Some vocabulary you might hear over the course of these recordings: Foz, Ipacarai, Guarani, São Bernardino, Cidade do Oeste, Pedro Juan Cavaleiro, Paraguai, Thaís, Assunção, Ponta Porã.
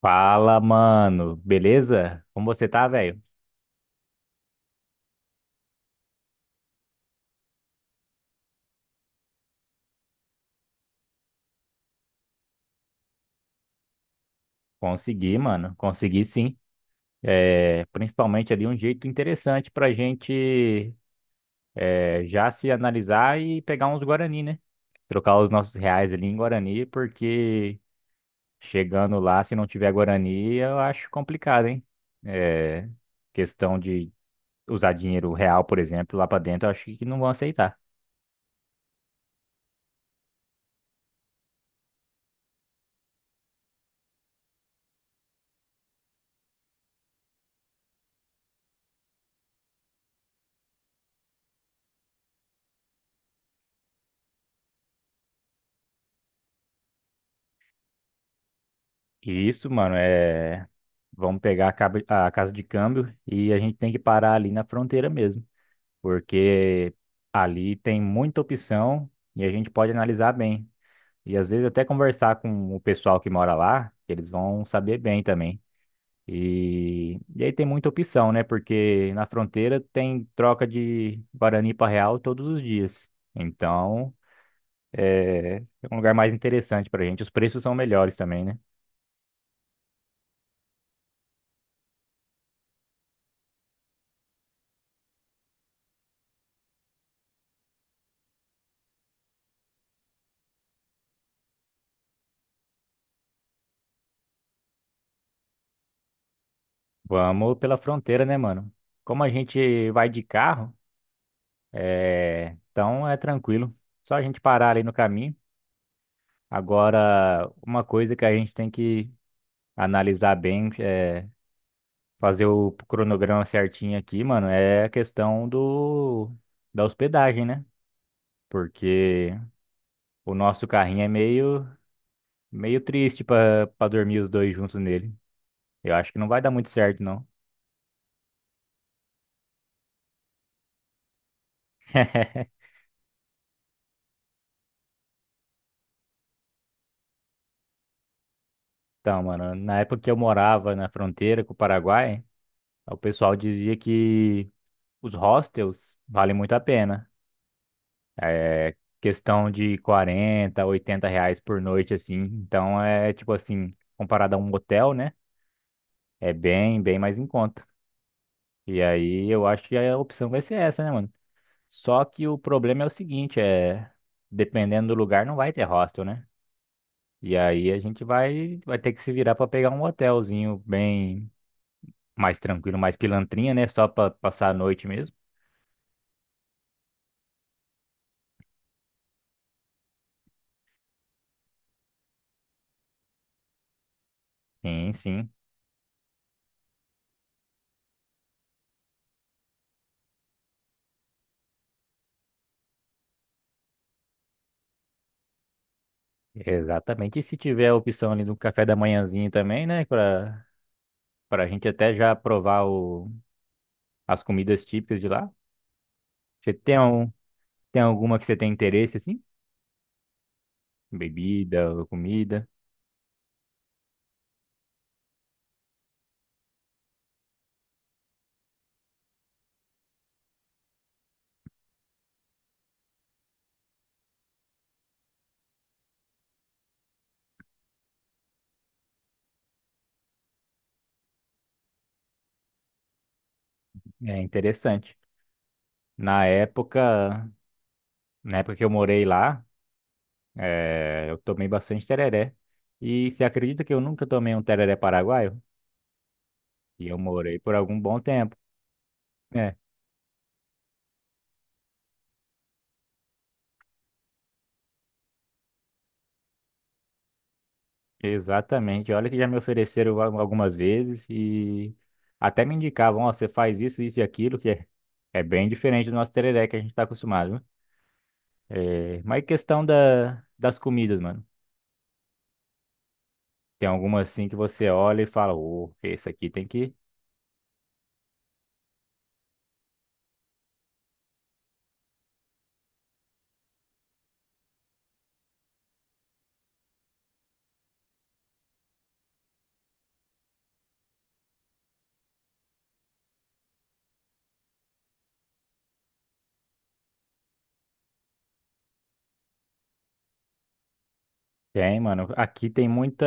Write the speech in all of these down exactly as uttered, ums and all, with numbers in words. Fala, mano. Beleza? Como você tá, velho? Consegui, mano. Consegui sim. É, principalmente ali um jeito interessante pra gente é, já se analisar e pegar uns Guarani, né? Trocar os nossos reais ali em Guarani, porque chegando lá, se não tiver Guarani, eu acho complicado, hein? É, questão de usar dinheiro real, por exemplo, lá pra dentro, eu acho que não vão aceitar. E isso, mano, é. Vamos pegar a, cab- a casa de câmbio e a gente tem que parar ali na fronteira mesmo, porque ali tem muita opção e a gente pode analisar bem. E às vezes até conversar com o pessoal que mora lá, que eles vão saber bem também. E, e aí tem muita opção, né? Porque na fronteira tem troca de Guarani para Real todos os dias. Então é, é um lugar mais interessante pra gente. Os preços são melhores também, né? Vamos pela fronteira, né, mano? Como a gente vai de carro. É, então é tranquilo. Só a gente parar ali no caminho. Agora, uma coisa que a gente tem que analisar bem, é fazer o cronograma certinho aqui, mano, é a questão do da hospedagem, né? Porque o nosso carrinho é meio meio triste pra para dormir os dois juntos nele. Eu acho que não vai dar muito certo, não. Então, mano, na época que eu morava na fronteira com o Paraguai, o pessoal dizia que os hostels valem muito a pena. É questão de quarenta, oitenta reais por noite, assim. Então é tipo assim, comparado a um motel, né? É bem, bem mais em conta. E aí eu acho que a opção vai ser essa, né, mano? Só que o problema é o seguinte, é dependendo do lugar não vai ter hostel, né? E aí a gente vai vai ter que se virar pra pegar um hotelzinho bem mais tranquilo, mais pilantrinha, né? Só pra passar a noite mesmo. Sim, sim. Exatamente. E se tiver a opção ali do café da manhãzinho também, né? Pra Para a gente até já provar o, as comidas típicas de lá. Você tem, um, Tem alguma que você tem interesse, assim? Bebida ou comida? É interessante. Na época, Na época que eu morei lá, eh, eu tomei bastante tereré. E você acredita que eu nunca tomei um tereré paraguaio? E eu morei por algum bom tempo. É, exatamente. Olha que já me ofereceram al- algumas vezes e até me indicavam, ó, você faz isso, isso e aquilo, que é, é bem diferente do nosso tereré que a gente está acostumado, né? É, mas é questão da, das comidas, mano. Tem alguma assim que você olha e fala, ô, esse aqui tem que. Tem, mano. Aqui tem muita.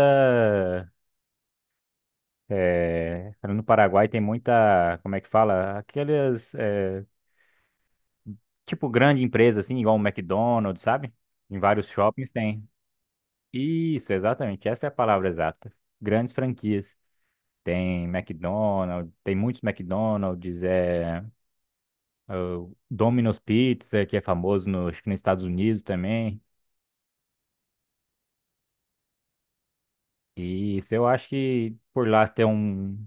É, no Paraguai tem muita. Como é que fala? Aquelas. É, tipo, grande empresa, assim, igual o McDonald's, sabe? Em vários shoppings tem. Isso, exatamente. Essa é a palavra exata. Grandes franquias. Tem McDonald's, tem muitos McDonald's, é, o Domino's Pizza, que é famoso no, acho que nos Estados Unidos também. E isso eu acho que por lá ter um,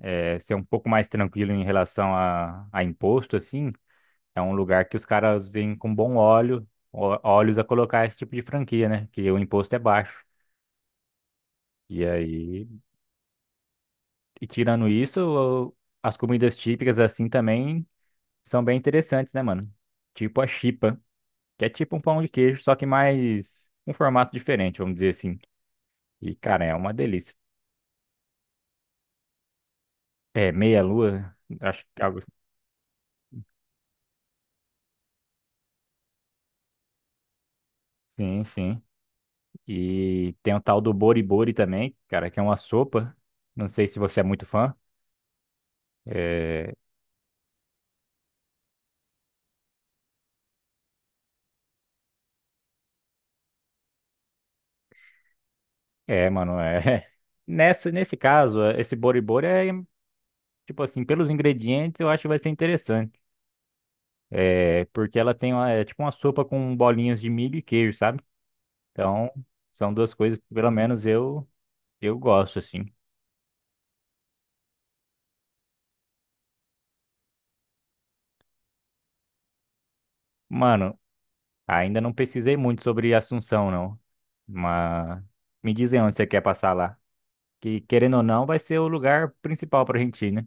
é, ser um pouco mais tranquilo em relação a, a imposto, assim, é um lugar que os caras vêm com bom óleo, ó- olhos a colocar esse tipo de franquia, né? Que o imposto é baixo. E aí, e tirando isso, o- as comidas típicas assim também são bem interessantes, né, mano? Tipo a chipa, que é tipo um pão de queijo, só que mais um formato diferente, vamos dizer assim. E, cara, é uma delícia. É, meia-lua, acho que é algo. Sim, sim. E tem o tal do boribori também, cara, que é uma sopa. Não sei se você é muito fã. É, é, Mano, é. Nessa, nesse caso, esse boribori é, tipo assim, pelos ingredientes eu acho que vai ser interessante. É, porque ela tem uma, é tipo uma sopa com bolinhas de milho e queijo, sabe? Então, são duas coisas que pelo menos eu, eu gosto, assim. Mano, ainda não pesquisei muito sobre Assunção, não. Mas me dizem onde você quer passar lá, que querendo ou não, vai ser o lugar principal para a Argentina.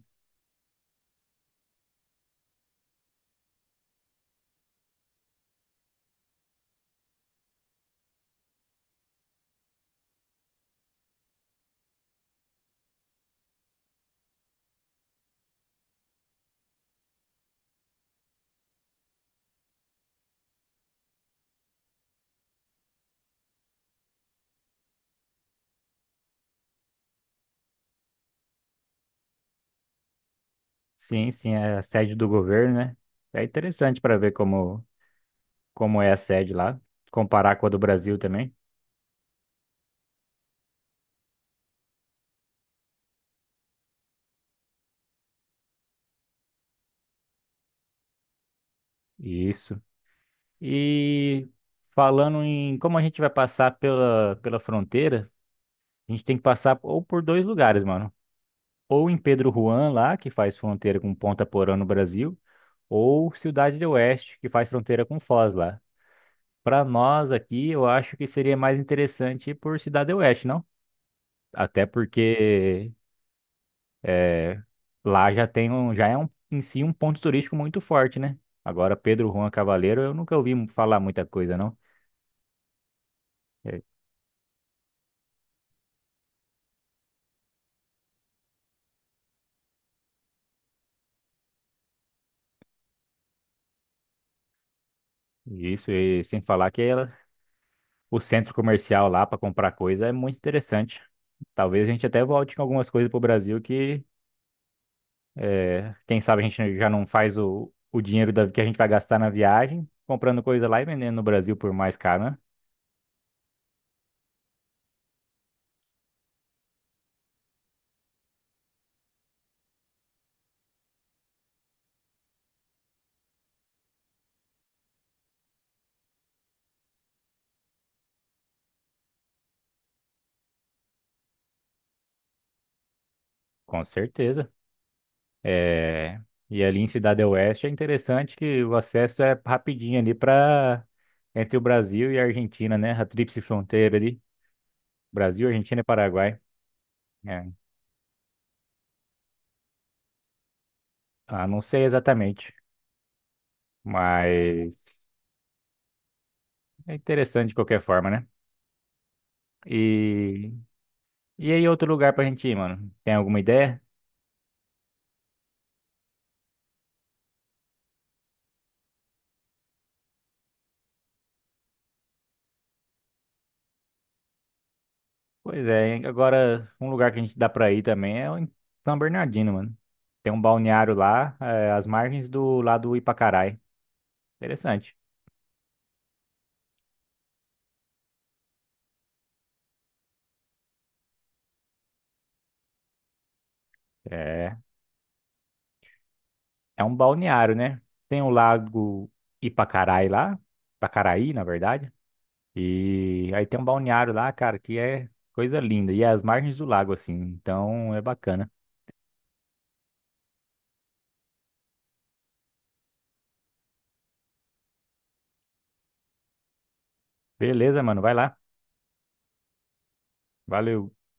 Sim, sim, é a sede do governo, né? É interessante para ver como, como é a sede lá, comparar com a do Brasil também. Isso. E falando em como a gente vai passar pela, pela fronteira, a gente tem que passar ou por dois lugares, mano. Ou em Pedro Juan, lá, que faz fronteira com Ponta Porã no Brasil, ou Cidade do Oeste, que faz fronteira com Foz lá. Para nós aqui, eu acho que seria mais interessante ir por Cidade do Oeste, não? Até porque é, lá já tem um, já é um, em si um ponto turístico muito forte, né? Agora, Pedro Juan Cavaleiro, eu nunca ouvi falar muita coisa, não. É, isso, e sem falar que ela- o centro comercial lá para comprar coisa é muito interessante. Talvez a gente até volte com algumas coisas para o Brasil que, é, quem sabe a gente já não faz o, o dinheiro da- que a gente vai gastar na viagem comprando coisa lá e vendendo no Brasil por mais caro, né? Com certeza. É, e ali em Cidade Oeste é interessante que o acesso é rapidinho ali para entre o Brasil e a Argentina, né? A tríplice fronteira ali, Brasil, Argentina e Paraguai. É, ah, não sei exatamente, mas é interessante de qualquer forma, né? E, e aí outro lugar pra gente ir, mano? Tem alguma ideia? Pois é, hein? Agora um lugar que a gente dá pra ir também é o em São Bernardino, mano. Tem um balneário lá, eh, às margens do lado do Ipacarai. Interessante. É. É um balneário, né? Tem o lago Ipacarai lá, Ipacaraí, na verdade. E aí tem um balneário lá, cara, que é coisa linda. E é as margens do lago, assim. Então é bacana. Beleza, mano, vai lá. Valeu.